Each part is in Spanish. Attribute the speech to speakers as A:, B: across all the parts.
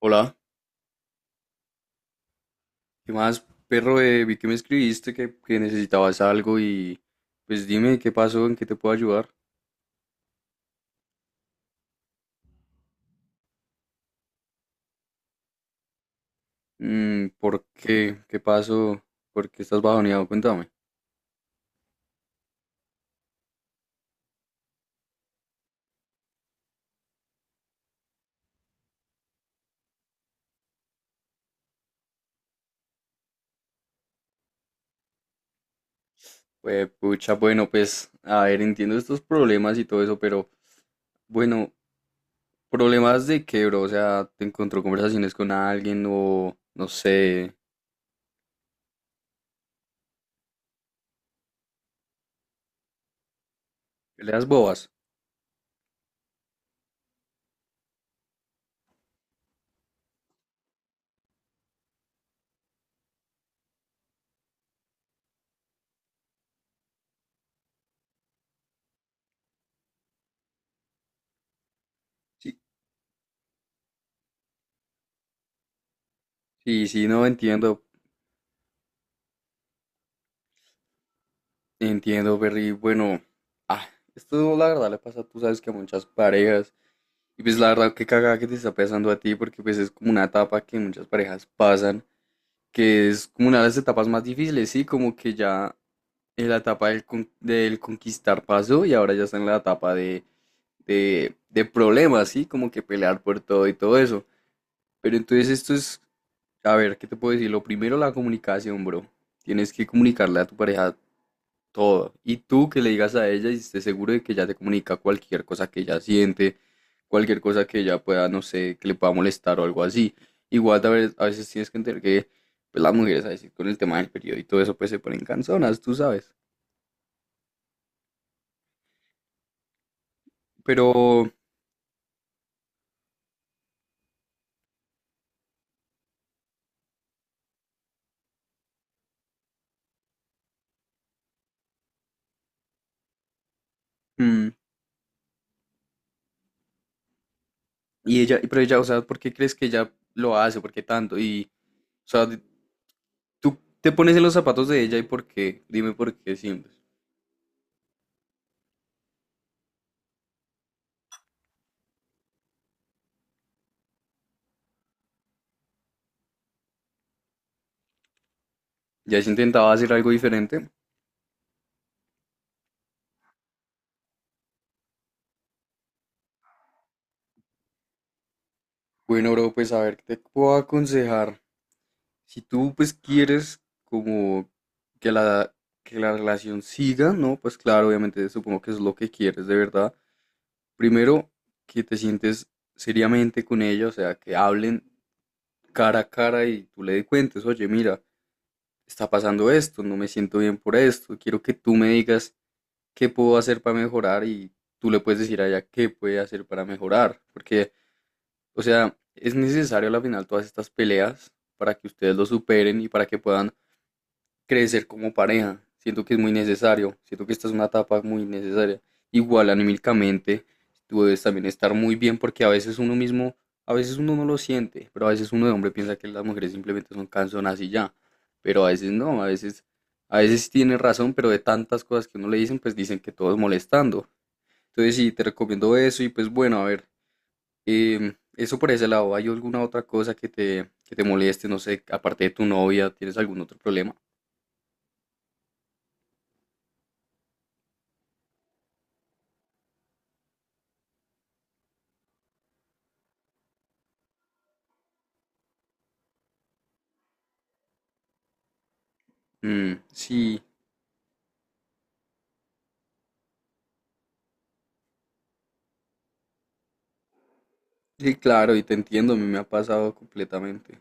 A: Hola, ¿qué más, perro? Vi que me escribiste que necesitabas algo y pues dime qué pasó, en qué te puedo ayudar. Mm, ¿por qué? ¿Qué pasó? ¿Por qué estás bajoneado? Cuéntame. Pues, pucha, bueno, pues, a ver, entiendo estos problemas y todo eso, pero bueno, ¿problemas de qué, bro? O sea, ¿te encontró conversaciones con alguien o no sé, peleas bobas? Sí, sí, sí, no entiendo, entiendo, perri. Bueno, ah, esto la verdad le pasa, tú sabes que a muchas parejas. Y pues la verdad, qué cagada que te está pasando a ti, porque pues es como una etapa que muchas parejas pasan, que es como una de las etapas más difíciles, ¿sí? Como que ya en la etapa del, del conquistar pasó y ahora ya está en la etapa de problemas, ¿sí? Como que pelear por todo y todo eso. Pero entonces esto es, a ver, ¿qué te puedo decir? Lo primero, la comunicación, bro. Tienes que comunicarle a tu pareja todo. Y tú que le digas a ella y estés seguro de que ella te comunica cualquier cosa que ella siente, cualquier cosa que ella pueda, no sé, que le pueda molestar o algo así. Igual a veces tienes que entender que pues, las mujeres, a decir, con el tema del periodo y todo eso, pues se ponen canzonas, tú sabes. Pero, mm, y ella, pero ella, o sea, ¿por qué crees que ella lo hace? ¿Por qué tanto? Y, o sea, tú te pones en los zapatos de ella y por qué, dime por qué siempre. ¿Ya has intentado hacer algo diferente? Bueno, bro, pues a ver, ¿qué te puedo aconsejar? Si tú pues quieres como que la, que la relación siga, ¿no? Pues claro, obviamente supongo que es lo que quieres de verdad. Primero, que te sientes seriamente con ella, o sea, que hablen cara a cara y tú le cuentes, oye, mira, está pasando esto, no me siento bien por esto, quiero que tú me digas qué puedo hacer para mejorar y tú le puedes decir a ella qué puede hacer para mejorar, porque, o sea, es necesario al final todas estas peleas para que ustedes lo superen y para que puedan crecer como pareja. Siento que es muy necesario. Siento que esta es una etapa muy necesaria. Igual anímicamente, tú debes también estar muy bien porque a veces uno no lo siente, pero a veces uno de hombre piensa que las mujeres simplemente son canzonas y ya. Pero a veces no, a veces sí tiene razón, pero de tantas cosas que uno le dicen, pues dicen que todo es molestando. Entonces sí, te recomiendo eso y pues bueno, a ver, eso por ese lado. ¿Hay alguna otra cosa que te moleste? No sé, aparte de tu novia, ¿tienes algún otro problema? Mm, sí. Sí, claro, y te entiendo, a mí me ha pasado completamente.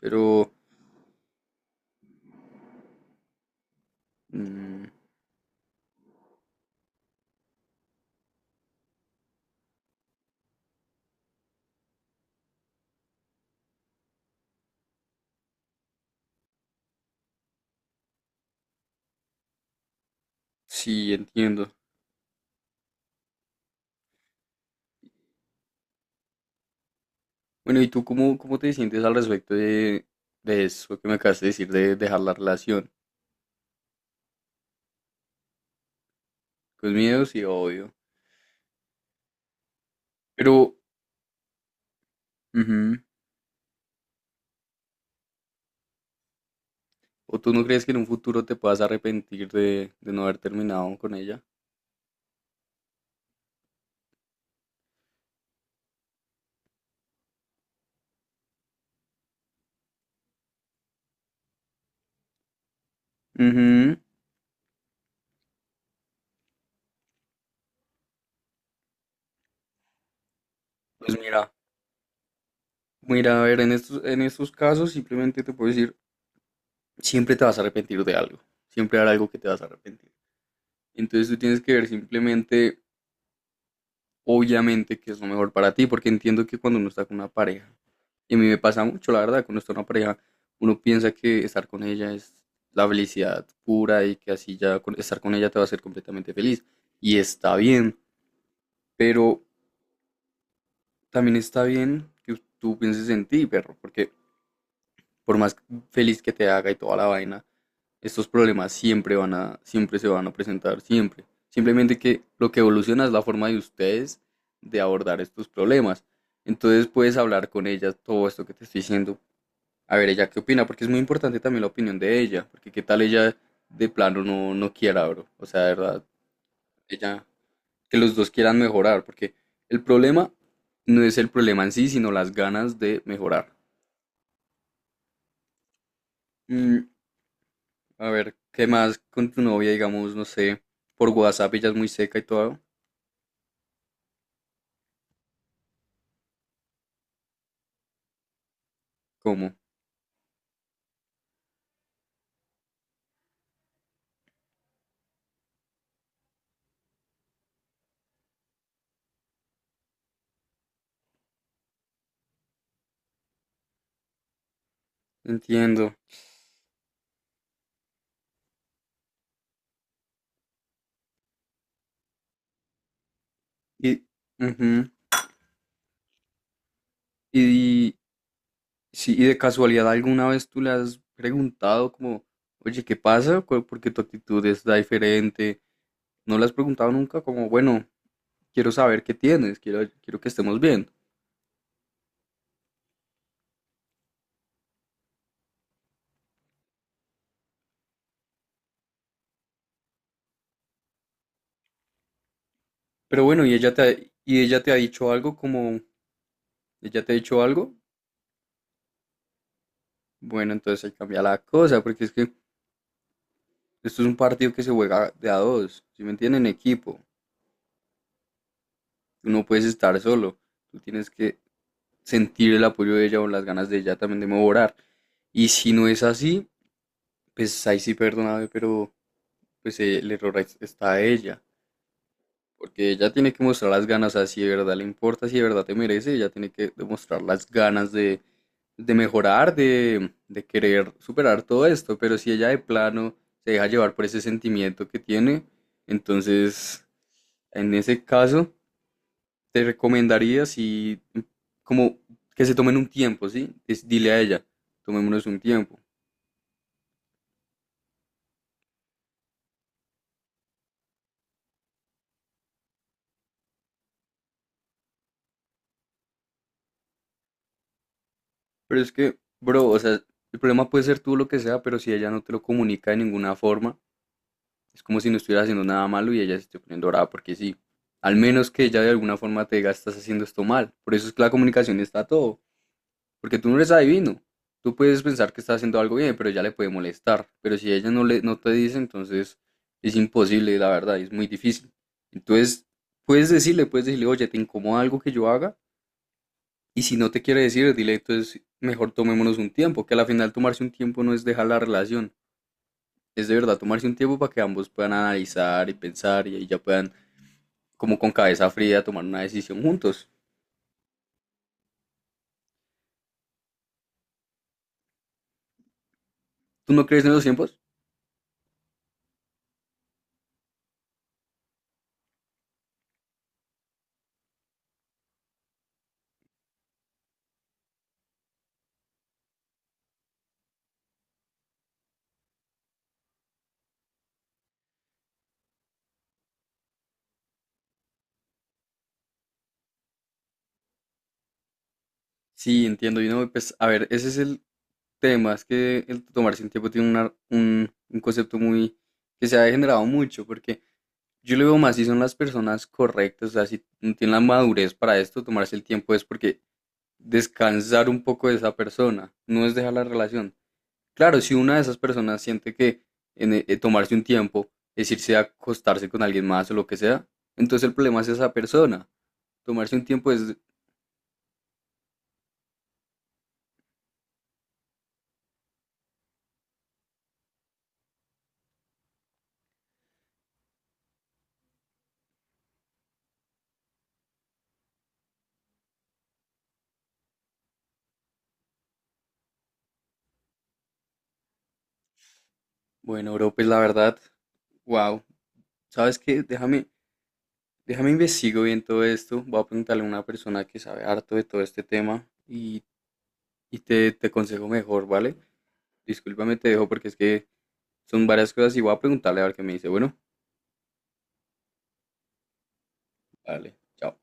A: Pero mm, sí, entiendo. Bueno, ¿y tú cómo te sientes al respecto de eso que me acabas de decir, de dejar la relación? Con miedo, sí, obvio. Pero, ujú, ¿o tú no crees que en un futuro te puedas arrepentir de no haber terminado con ella? Ujú, pues mira, mira, a ver, en en estos casos simplemente te puedo decir, siempre te vas a arrepentir de algo, siempre hará algo que te vas a arrepentir. Entonces tú tienes que ver simplemente obviamente que es lo mejor para ti, porque entiendo que cuando uno está con una pareja, y a mí me pasa mucho, la verdad, cuando está con una pareja, uno piensa que estar con ella es la felicidad pura y que así ya estar con ella te va a hacer completamente feliz. Y está bien, pero también está bien que tú pienses en ti, perro, porque por más feliz que te haga y toda la vaina, estos problemas siempre se van a presentar, siempre. Simplemente que lo que evoluciona es la forma de ustedes de abordar estos problemas. Entonces puedes hablar con ella todo esto que te estoy diciendo, a ver ella qué opina, porque es muy importante también la opinión de ella, porque qué tal ella de plano no quiera, bro. O sea, de verdad, ella, que los dos quieran mejorar, porque el problema no es el problema en sí, sino las ganas de mejorar. Mm, a ver, ¿qué más con tu novia, digamos, no sé, por WhatsApp ella es muy seca y todo? ¿Cómo? Entiendo. Y, ujú, y, sí, y de casualidad alguna vez tú le has preguntado como, oye, ¿qué pasa? ¿Cu- Porque tu actitud está diferente. No le has preguntado nunca como, bueno, quiero saber qué tienes, quiero que estemos bien. Pero bueno, y ella te ha dicho algo como, ella te ha dicho algo, bueno, entonces ahí cambia la cosa, porque es que esto es un partido que se juega de a dos, ¿sí me entienden? En equipo. Tú no puedes estar solo. Tú tienes que sentir el apoyo de ella o las ganas de ella también de mejorar. Y si no es así, pues ahí sí perdóname, pero pues el está a ella. Porque ella tiene que mostrar las ganas, o sea, si de verdad le importa, si de verdad te merece, ella tiene que demostrar las ganas de mejorar, de querer superar todo esto. Pero si ella de plano se deja llevar por ese sentimiento que tiene, entonces en ese caso te recomendaría si, como que se tomen un tiempo, ¿sí? Dile a ella, tomémonos un tiempo. Pero es que, bro, o sea, el problema puede ser tú lo que sea, pero si ella no te lo comunica de ninguna forma, es como si no estuvieras haciendo nada malo y ella se esté poniendo brava porque sí. Al menos que ella de alguna forma te diga, estás haciendo esto mal. Por eso es que la comunicación está a todo. Porque tú no eres adivino. Tú puedes pensar que está haciendo algo bien, pero ya le puede molestar. Pero si ella no, no te dice, entonces es imposible, la verdad, es muy difícil. Entonces, puedes decirle, oye, ¿te incomoda algo que yo haga? Y si no te quiere decir, dile, entonces mejor tomémonos un tiempo, que al final tomarse un tiempo no es dejar la relación, es de verdad tomarse un tiempo para que ambos puedan analizar y pensar y ahí ya puedan, como con cabeza fría, tomar una decisión juntos. ¿Tú no crees en los tiempos? Sí, entiendo. Y no, pues, a ver, ese es el temas que el tomarse un tiempo tiene un concepto muy que se ha degenerado mucho, porque yo lo veo más si son las personas correctas, o sea, si no tienen la madurez para esto, tomarse el tiempo es porque descansar un poco de esa persona, no es dejar la relación. Claro, si una de esas personas siente que en, tomarse un tiempo es irse a acostarse con alguien más o lo que sea, entonces el problema es esa persona. Tomarse un tiempo es, bueno, bro, pues la verdad, wow, ¿sabes qué? Déjame investigo bien todo esto. Voy a preguntarle a una persona que sabe harto de todo este tema y, te aconsejo mejor, ¿vale? Discúlpame, te dejo porque es que son varias cosas y voy a preguntarle a ver qué me dice. Bueno, vale, chao.